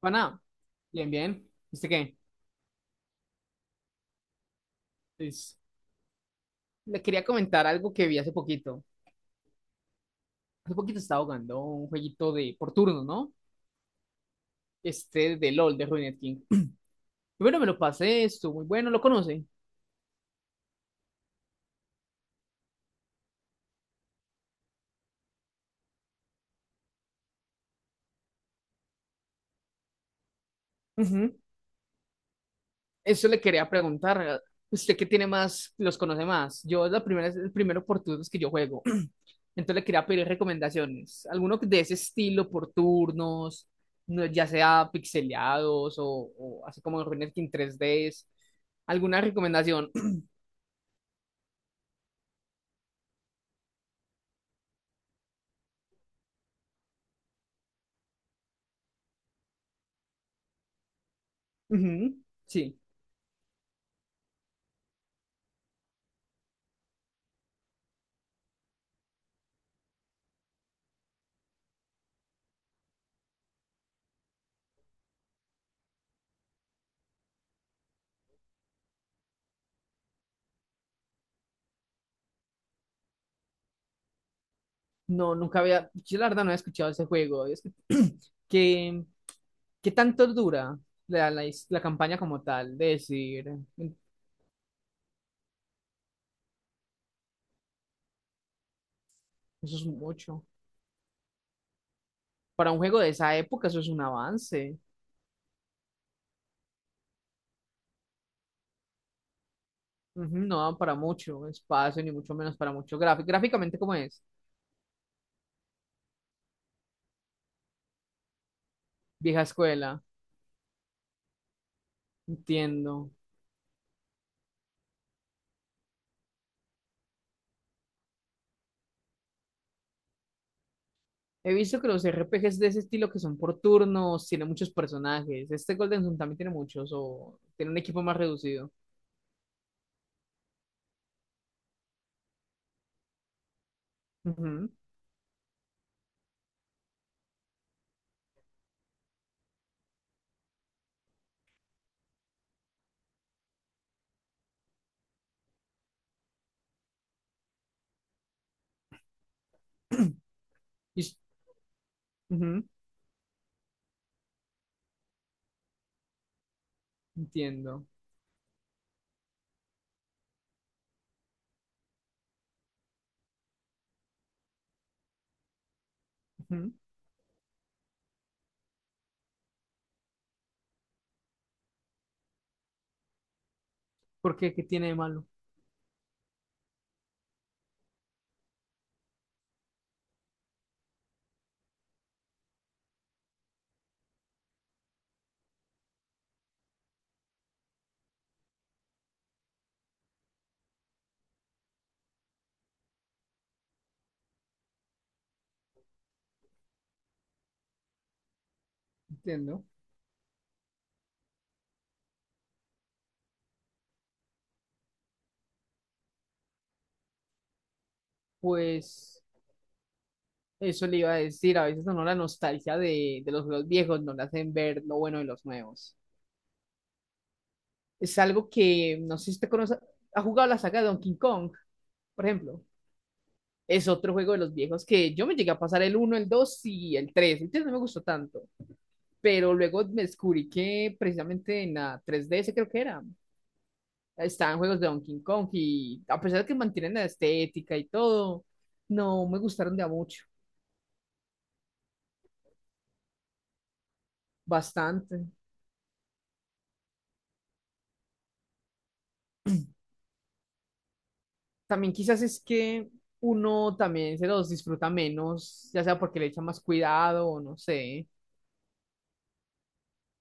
Bueno, bien, bien. ¿Viste qué? Pues, le quería comentar algo que vi hace poquito. Hace poquito estaba jugando un jueguito de por turno, ¿no? Este de LOL, de Ruined King. Y bueno, me lo pasé, estuvo muy bueno, ¿lo conoce? Ujú. Eso le quería preguntar. ¿Usted qué tiene más, los conoce más? Yo es la primera, es el primero por turnos que yo juego. Entonces le quería pedir recomendaciones. Alguno de ese estilo por turnos, ya sea pixeleados o así como en Ruined King tres d. ¿Alguna recomendación? Ujú. Sí, no, nunca había, yo la verdad no había escuchado ese juego. Es que, ¿qué, qué tanto dura la campaña como tal? De decir, eso es mucho. Para un juego de esa época, eso es un avance. Ujú. No dan para mucho espacio, ni mucho menos para mucho gráfico. Gráficamente, ¿cómo es? Vieja escuela, entiendo. He visto que los RPGs de ese estilo que son por turnos, tienen muchos personajes. Este Golden Sun también tiene muchos, o tiene un equipo más reducido. Ujú. Y Ujú. Entiendo. Ujú. ¿Por qué? ¿Qué tiene de malo? Entiendo. Pues eso le iba a decir, a veces a uno la nostalgia de los juegos viejos no le hacen ver lo bueno de los nuevos. Es algo que, no sé si usted conoce, ha jugado la saga de Donkey Kong, por ejemplo. Es otro juego de los viejos que yo me llegué a pasar el uno el 2 y el tres. El 3 no me gustó tanto, pero luego me descubrí que precisamente en la tres D ds creo que era. Están juegos de Donkey Kong y a pesar de que mantienen la estética y todo, no me gustaron de a mucho, bastante. También quizás es que uno también se los disfruta menos, ya sea porque le echa más cuidado o no sé.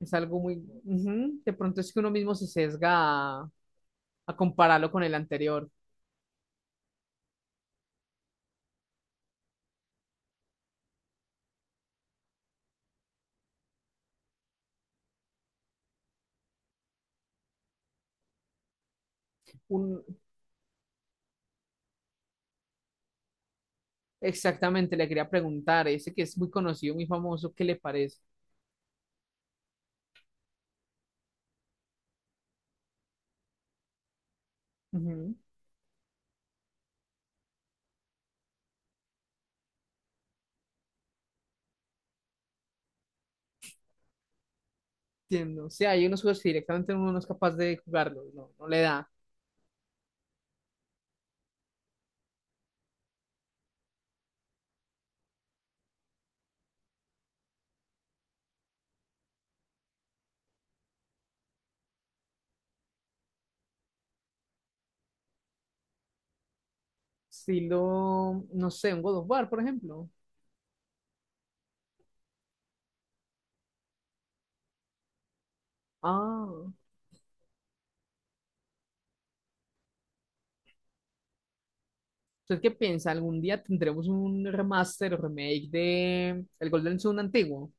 Es algo muy. Ujú. De pronto es que uno mismo se sesga a compararlo con el anterior. Un. Exactamente, le quería preguntar, ese que es muy conocido, muy famoso, ¿qué le parece? Ujú. Entiendo. O sea, hay unos juegos que directamente uno no es capaz de jugarlos, no, no le da. Estilo, no sé, un God of War, por ejemplo. Ah, ¿usted qué piensa? ¿Algún día tendremos un remaster o remake de el Golden Sun antiguo?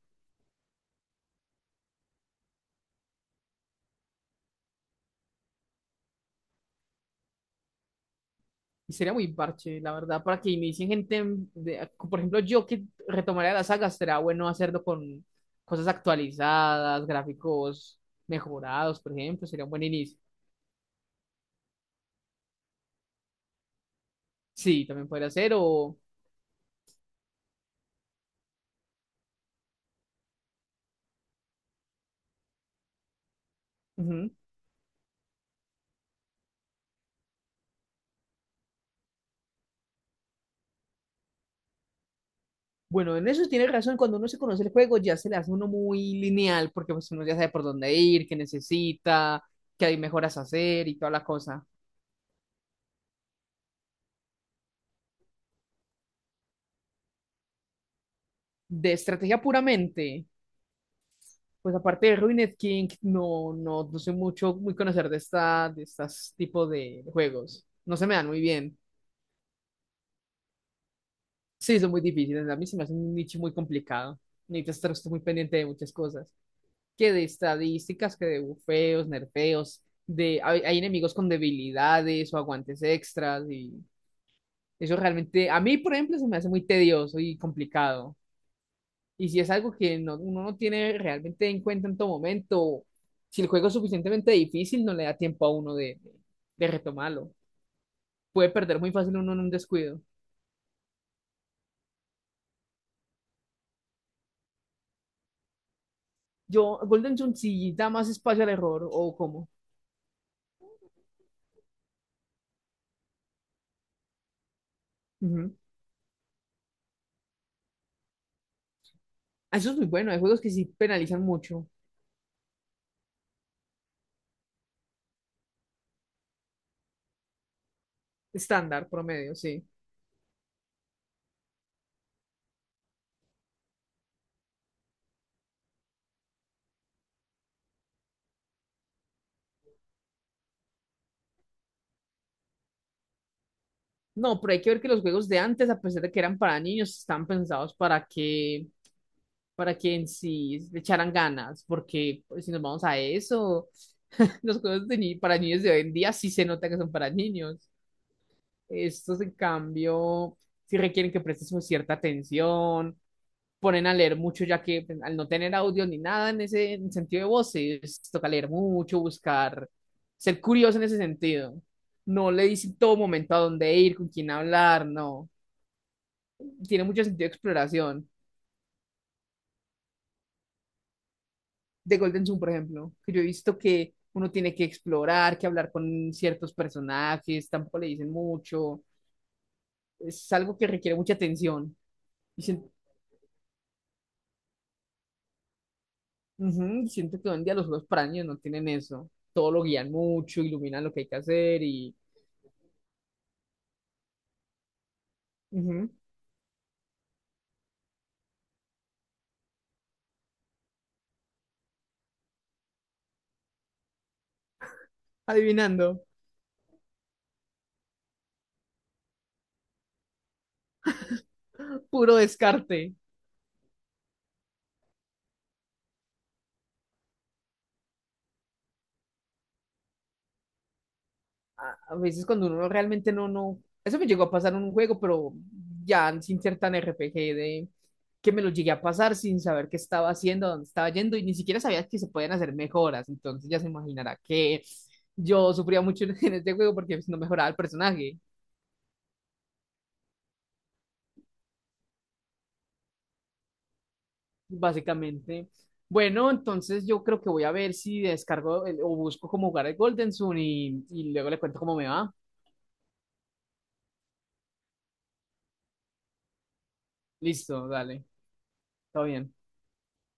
Y sería muy parche, la verdad, para que inicien gente, por ejemplo, yo que retomaría la saga, será bueno hacerlo con cosas actualizadas, gráficos mejorados, por ejemplo, sería un buen inicio. Sí, también podría ser, o. Ujú. Bueno, en eso tiene razón, cuando uno se conoce el juego ya se le hace uno muy lineal, porque pues uno ya sabe por dónde ir, qué necesita, qué hay mejoras a hacer y toda la cosa. De estrategia puramente, pues aparte de Ruined King, no, no, no soy mucho, muy conocer de esta, de estos tipos de juegos. No se me dan muy bien. Sí, son muy difíciles, a mí se me hace un nicho muy complicado. Necesitas estar muy pendiente de muchas cosas, que de estadísticas, que de bufeos, nerfeos, de hay enemigos con debilidades o aguantes extras y eso realmente a mí, por ejemplo, se me hace muy tedioso y complicado. Y si es algo que no, uno no tiene realmente en cuenta en todo momento, si el juego es suficientemente difícil, no le da tiempo a uno de retomarlo. Puede perder muy fácil uno en un descuido. ¿Yo, Golden Sun sí da más espacio al error o cómo? Ujú. Eso es muy bueno. Hay juegos que sí penalizan mucho. Estándar, promedio, sí. No, pero hay que ver que los juegos de antes, a pesar de que eran para niños, están pensados para que en sí le echaran ganas, porque pues, si nos vamos a eso, los juegos de para niños de hoy en día sí se nota que son para niños. Estos, en cambio, sí requieren que prestes una cierta atención, ponen a leer mucho, ya que pues, al no tener audio ni nada en sentido de voces, toca leer mucho, buscar, ser curioso en ese sentido. No le dicen todo momento a dónde ir, con quién hablar, no. Tiene mucho sentido de exploración. De Golden Sun, por ejemplo, que yo he visto que uno tiene que explorar, que hablar con ciertos personajes, tampoco le dicen mucho. Es algo que requiere mucha atención. Dicen. Ujú. Siento que hoy en día los juegos para niños no tienen eso. Todo lo guían mucho, iluminan lo que hay que hacer y. Ujú. Adivinando. Puro descarte. A veces cuando uno realmente no, no. Eso me llegó a pasar en un juego, pero ya sin ser tan RPG de, que me lo llegué a pasar sin saber qué estaba haciendo, dónde estaba yendo y ni siquiera sabía que se podían hacer mejoras. Entonces ya se imaginará que yo sufría mucho en este juego porque pues, no mejoraba el personaje. Básicamente. Bueno, entonces yo creo que voy a ver si descargo o busco cómo jugar el Golden Sun y luego le cuento cómo me va. Listo, dale, todo bien.